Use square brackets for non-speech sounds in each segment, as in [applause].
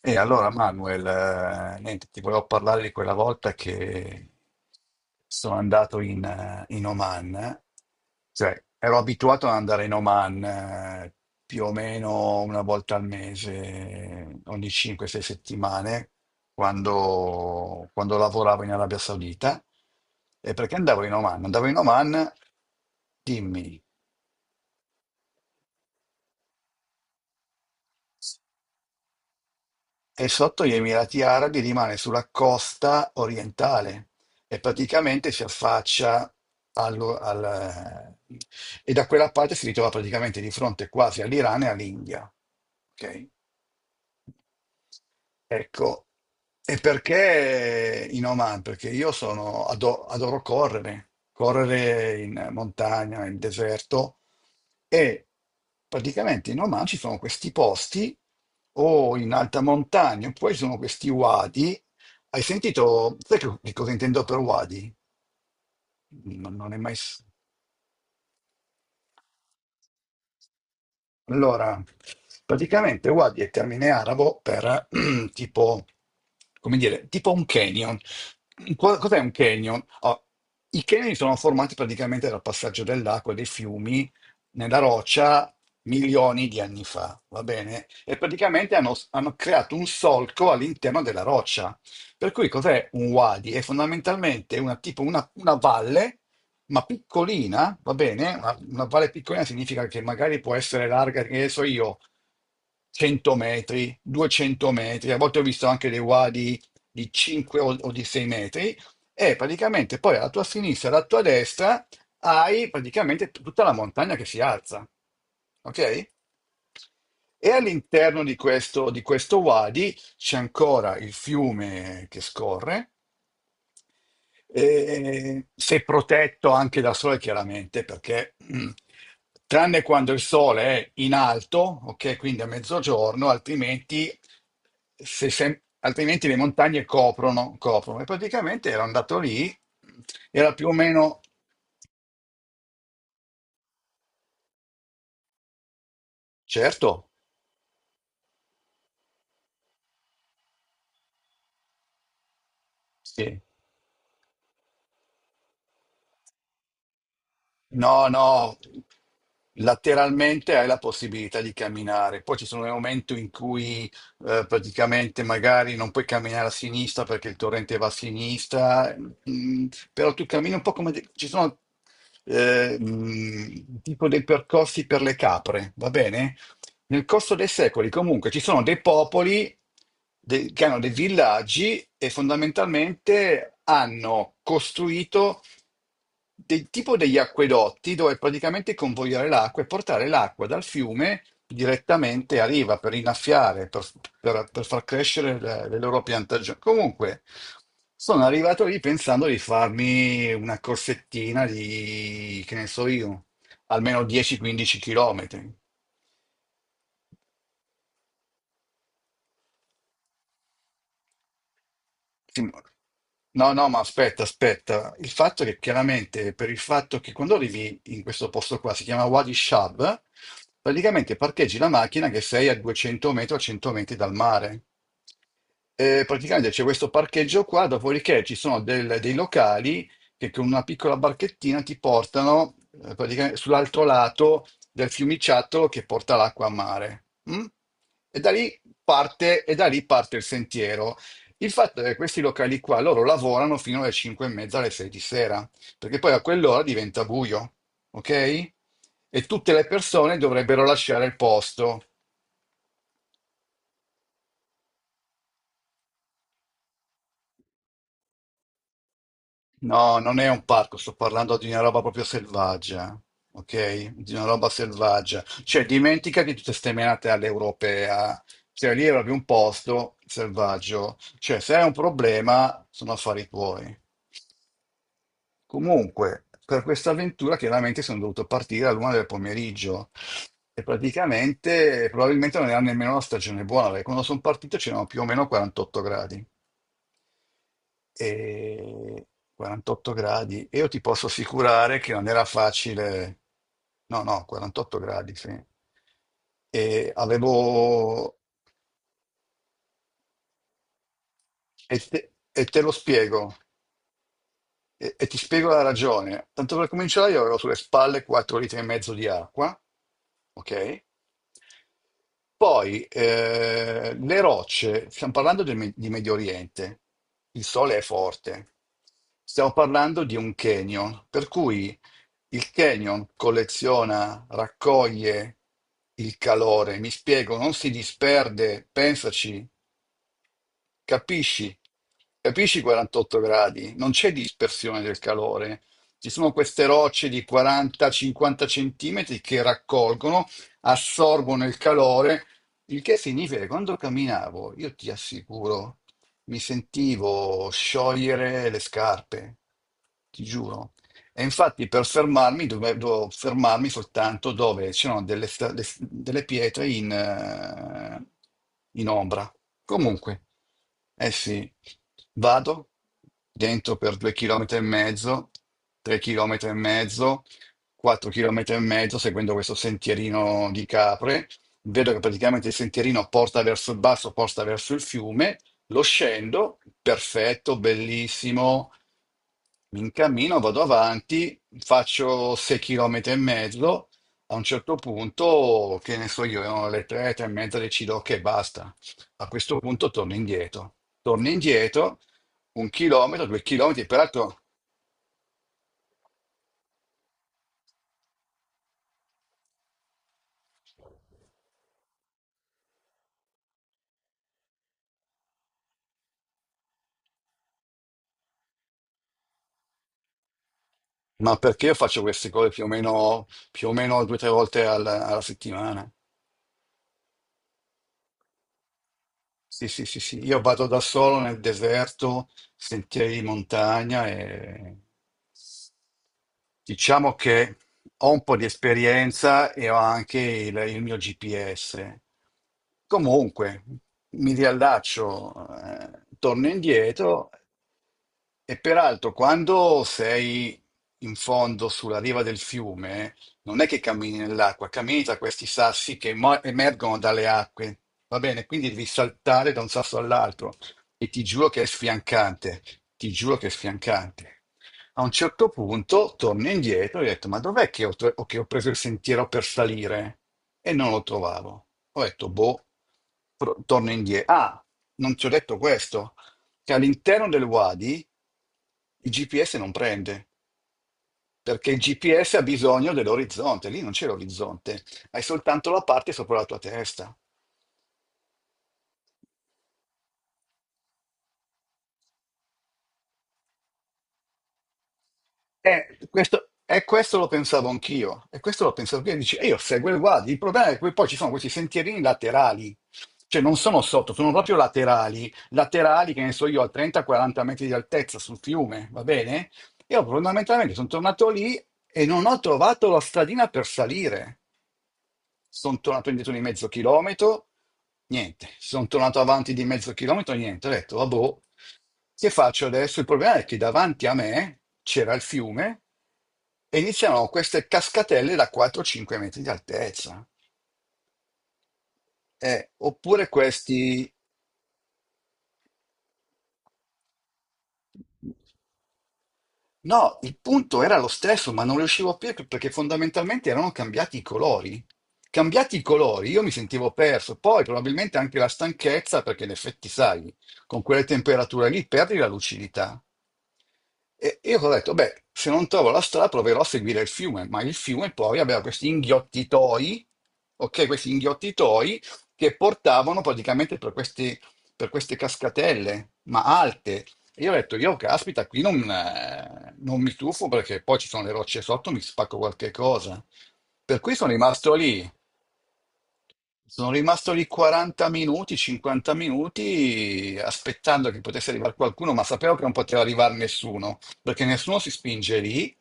E allora Manuel, niente, ti volevo parlare di quella volta che sono andato in Oman. Cioè ero abituato ad andare in Oman, più o meno una volta al mese, ogni 5-6 settimane, quando lavoravo in Arabia Saudita. E perché andavo in Oman? Andavo in Oman, dimmi. E sotto gli Emirati Arabi rimane sulla costa orientale e praticamente si affaccia allo- al- eh, e da quella parte si ritrova praticamente di fronte quasi all'Iran e all'India. Ok? Ecco, e perché in Oman? Perché io sono, adoro correre, correre in montagna, in deserto e praticamente in Oman ci sono questi posti o in alta montagna, oppure ci sono questi wadi. Hai sentito, di cosa intendo per wadi? Non è mai. Allora, praticamente Wadi è termine arabo per [clears throat] tipo, come dire, tipo un canyon. Cos'è un canyon? Oh, i canyon sono formati praticamente dal passaggio dell'acqua e dei fiumi nella roccia milioni di anni fa, va bene? E praticamente hanno creato un solco all'interno della roccia. Per cui cos'è un wadi? È fondamentalmente tipo una valle ma piccolina, va bene? Una valle piccolina significa che magari può essere larga, che ne so io, 100 metri, 200 metri, a volte ho visto anche dei wadi di 5 o di 6 metri, e praticamente poi alla tua sinistra e alla tua destra hai praticamente tutta la montagna che si alza, ok? E all'interno di questo wadi c'è ancora il fiume che scorre, e sei protetto anche dal sole, chiaramente, perché tranne quando il sole è in alto, ok, quindi a mezzogiorno, altrimenti, se sem- altrimenti le montagne coprono, coprono. E praticamente ero andato lì, era più o meno, certo, sì. No, no, lateralmente hai la possibilità di camminare. Poi ci sono dei momenti in cui praticamente magari non puoi camminare a sinistra perché il torrente va a sinistra, mm, però tu cammini un po' ci sono eh, mm, tipo dei percorsi per le capre, va bene? Nel corso dei secoli comunque ci sono dei popoli che hanno dei villaggi e fondamentalmente hanno costruito del tipo degli acquedotti dove praticamente convogliare l'acqua e portare l'acqua dal fiume direttamente a riva per innaffiare, per, per far crescere le loro piantagioni. Comunque, sono arrivato lì pensando di farmi una corsettina di, che ne so io, almeno 10-15 km. No, no, ma aspetta, aspetta. Il fatto è che chiaramente per il fatto che quando arrivi in questo posto qua, si chiama Wadi Shab, praticamente parcheggi la macchina che sei a 200 metri o 100 metri dal mare. Praticamente c'è questo parcheggio qua, dopodiché ci sono dei locali che con una piccola barchettina ti portano praticamente sull'altro lato del fiumiciattolo che porta l'acqua a mare. Mm? E da lì parte, e da lì parte il sentiero. Il fatto è che questi locali qua, loro lavorano fino alle 5 e mezza, alle 6 di sera, perché poi a quell'ora diventa buio, ok? E tutte le persone dovrebbero lasciare il posto. No, non è un parco, sto parlando di una roba proprio selvaggia, ok? Di una roba selvaggia. Cioè, dimenticati tutte ste menate all'europea. Cioè, lì è proprio un posto selvaggio. Cioè, se hai un problema, sono affari tuoi. Comunque, per questa avventura chiaramente sono dovuto partire all'una del pomeriggio e praticamente probabilmente non era nemmeno una stagione buona, perché quando sono partito c'erano più o meno 48 gradi. E 48 gradi, e io ti posso assicurare che non era facile. No, no, 48 gradi, sì. E avevo... E te, e te lo spiego. E ti spiego la ragione. Tanto per cominciare, io avevo sulle spalle 4 litri e mezzo di acqua, ok? Poi le rocce, stiamo parlando di Medio Oriente, il sole è forte, stiamo parlando di un canyon, per cui il canyon colleziona, raccoglie il calore, mi spiego, non si disperde, pensaci. Capisci? Capisci i 48 gradi? Non c'è dispersione del calore. Ci sono queste rocce di 40-50 centimetri che raccolgono, assorbono il calore, il che significa che quando camminavo, io ti assicuro, mi sentivo sciogliere le scarpe, ti giuro. E infatti per fermarmi dovevo fermarmi soltanto dove c'erano delle pietre in ombra. Comunque, eh sì, vado dentro per 2 chilometri e mezzo, 3 chilometri e mezzo, 4 chilometri e mezzo, seguendo questo sentierino di capre. Vedo che praticamente il sentierino porta verso il basso, porta verso il fiume, lo scendo, perfetto, bellissimo. Mi incammino, vado avanti, faccio 6 km e mezzo. A un certo punto, che ne so io, erano le 3, 3 e mezza, decido che basta. A questo punto torno indietro. Torno indietro, 1 chilometro, 2 chilometri, peraltro, ma perché io faccio queste cose più o meno due o tre volte alla settimana? Sì, sì, sì, sì. Io vado da solo nel deserto, sentieri di montagna e diciamo che ho un po' di esperienza e ho anche il mio GPS. Comunque, mi riallaccio, torno indietro e peraltro, quando sei in fondo sulla riva del fiume, non è che cammini nell'acqua, cammini tra questi sassi che emergono dalle acque, va bene? Quindi devi saltare da un sasso all'altro e ti giuro che è sfiancante, ti giuro che è sfiancante. A un certo punto torno indietro e ho detto, ma dov'è che che ho preso il sentiero per salire? E non lo trovavo. Ho detto, boh, torno indietro. Ah, non ti ho detto questo che all'interno del Wadi il GPS non prende, perché il GPS ha bisogno dell'orizzonte, lì non c'è l'orizzonte, hai soltanto la parte sopra la tua testa. E questo lo pensavo anch'io, e questo lo pensavo anch'io, dici, e io seguo il guardi, il problema è che poi ci sono questi sentierini laterali, cioè non sono sotto, sono proprio laterali, laterali che ne so io a 30-40 metri di altezza sul fiume, va bene? Io fondamentalmente sono tornato lì e non ho trovato la stradina per salire. Sono tornato indietro di mezzo chilometro, niente, sono tornato avanti di mezzo chilometro, niente, ho detto, vabbè, che faccio adesso? Il problema è che davanti a me c'era il fiume e iniziano queste cascatelle da 4-5 metri di altezza. Oppure questi. No, il punto era lo stesso, ma non riuscivo a capire perché fondamentalmente erano cambiati i colori. Cambiati i colori, io mi sentivo perso. Poi probabilmente anche la stanchezza, perché in effetti, sai, con quelle temperature lì perdi la lucidità. E io ho detto, beh, se non trovo la strada proverò a seguire il fiume, ma il fiume poi aveva questi inghiottitoi, ok, questi inghiottitoi che portavano praticamente per queste cascatelle, ma alte, io ho detto, io caspita, qui non mi tuffo perché poi ci sono le rocce sotto, mi spacco qualche cosa. Per cui sono rimasto lì. Sono rimasto lì 40 minuti, 50 minuti, aspettando che potesse arrivare qualcuno, ma sapevo che non poteva arrivare nessuno, perché nessuno si spinge lì.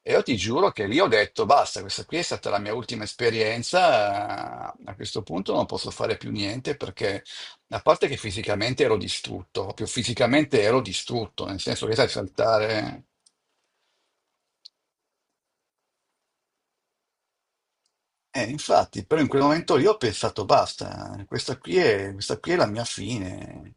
E io ti giuro che lì ho detto, basta, questa qui è stata la mia ultima esperienza, a questo punto non posso fare più niente perché, a parte che fisicamente ero distrutto, proprio fisicamente ero distrutto, nel senso che sai saltare... infatti, però in quel momento lì ho pensato basta, questa qui è la mia fine.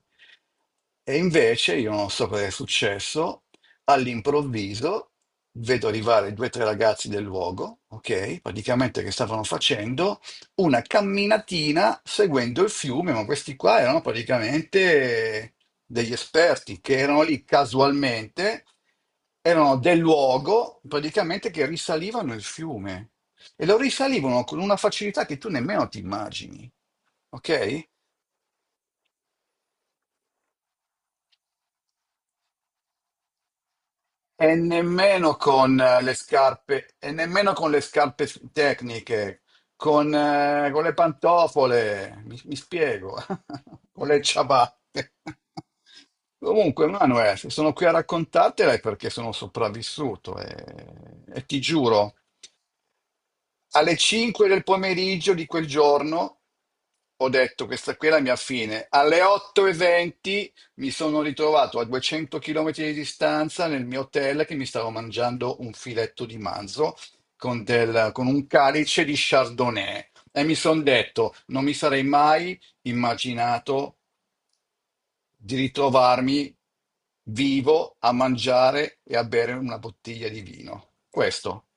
E invece, io non so cosa è successo, all'improvviso vedo arrivare due o tre ragazzi del luogo, ok? Praticamente che stavano facendo una camminatina seguendo il fiume, ma questi qua erano praticamente degli esperti che erano lì casualmente, erano del luogo, praticamente che risalivano il fiume. E lo risalivano con una facilità che tu nemmeno ti immagini, ok? E nemmeno con le scarpe, e nemmeno con le scarpe tecniche, con le pantofole, mi spiego, [laughs] con le ciabatte. [laughs] Comunque, Manuel, sono qui a raccontartela perché sono sopravvissuto e ti giuro. Alle 5 del pomeriggio di quel giorno ho detto questa qui è la mia fine. Alle 8.20 mi sono ritrovato a 200 km di distanza nel mio hotel che mi stavo mangiando un filetto di manzo con un calice di Chardonnay e mi sono detto non mi sarei mai immaginato di ritrovarmi vivo a mangiare e a bere una bottiglia di vino. Questo.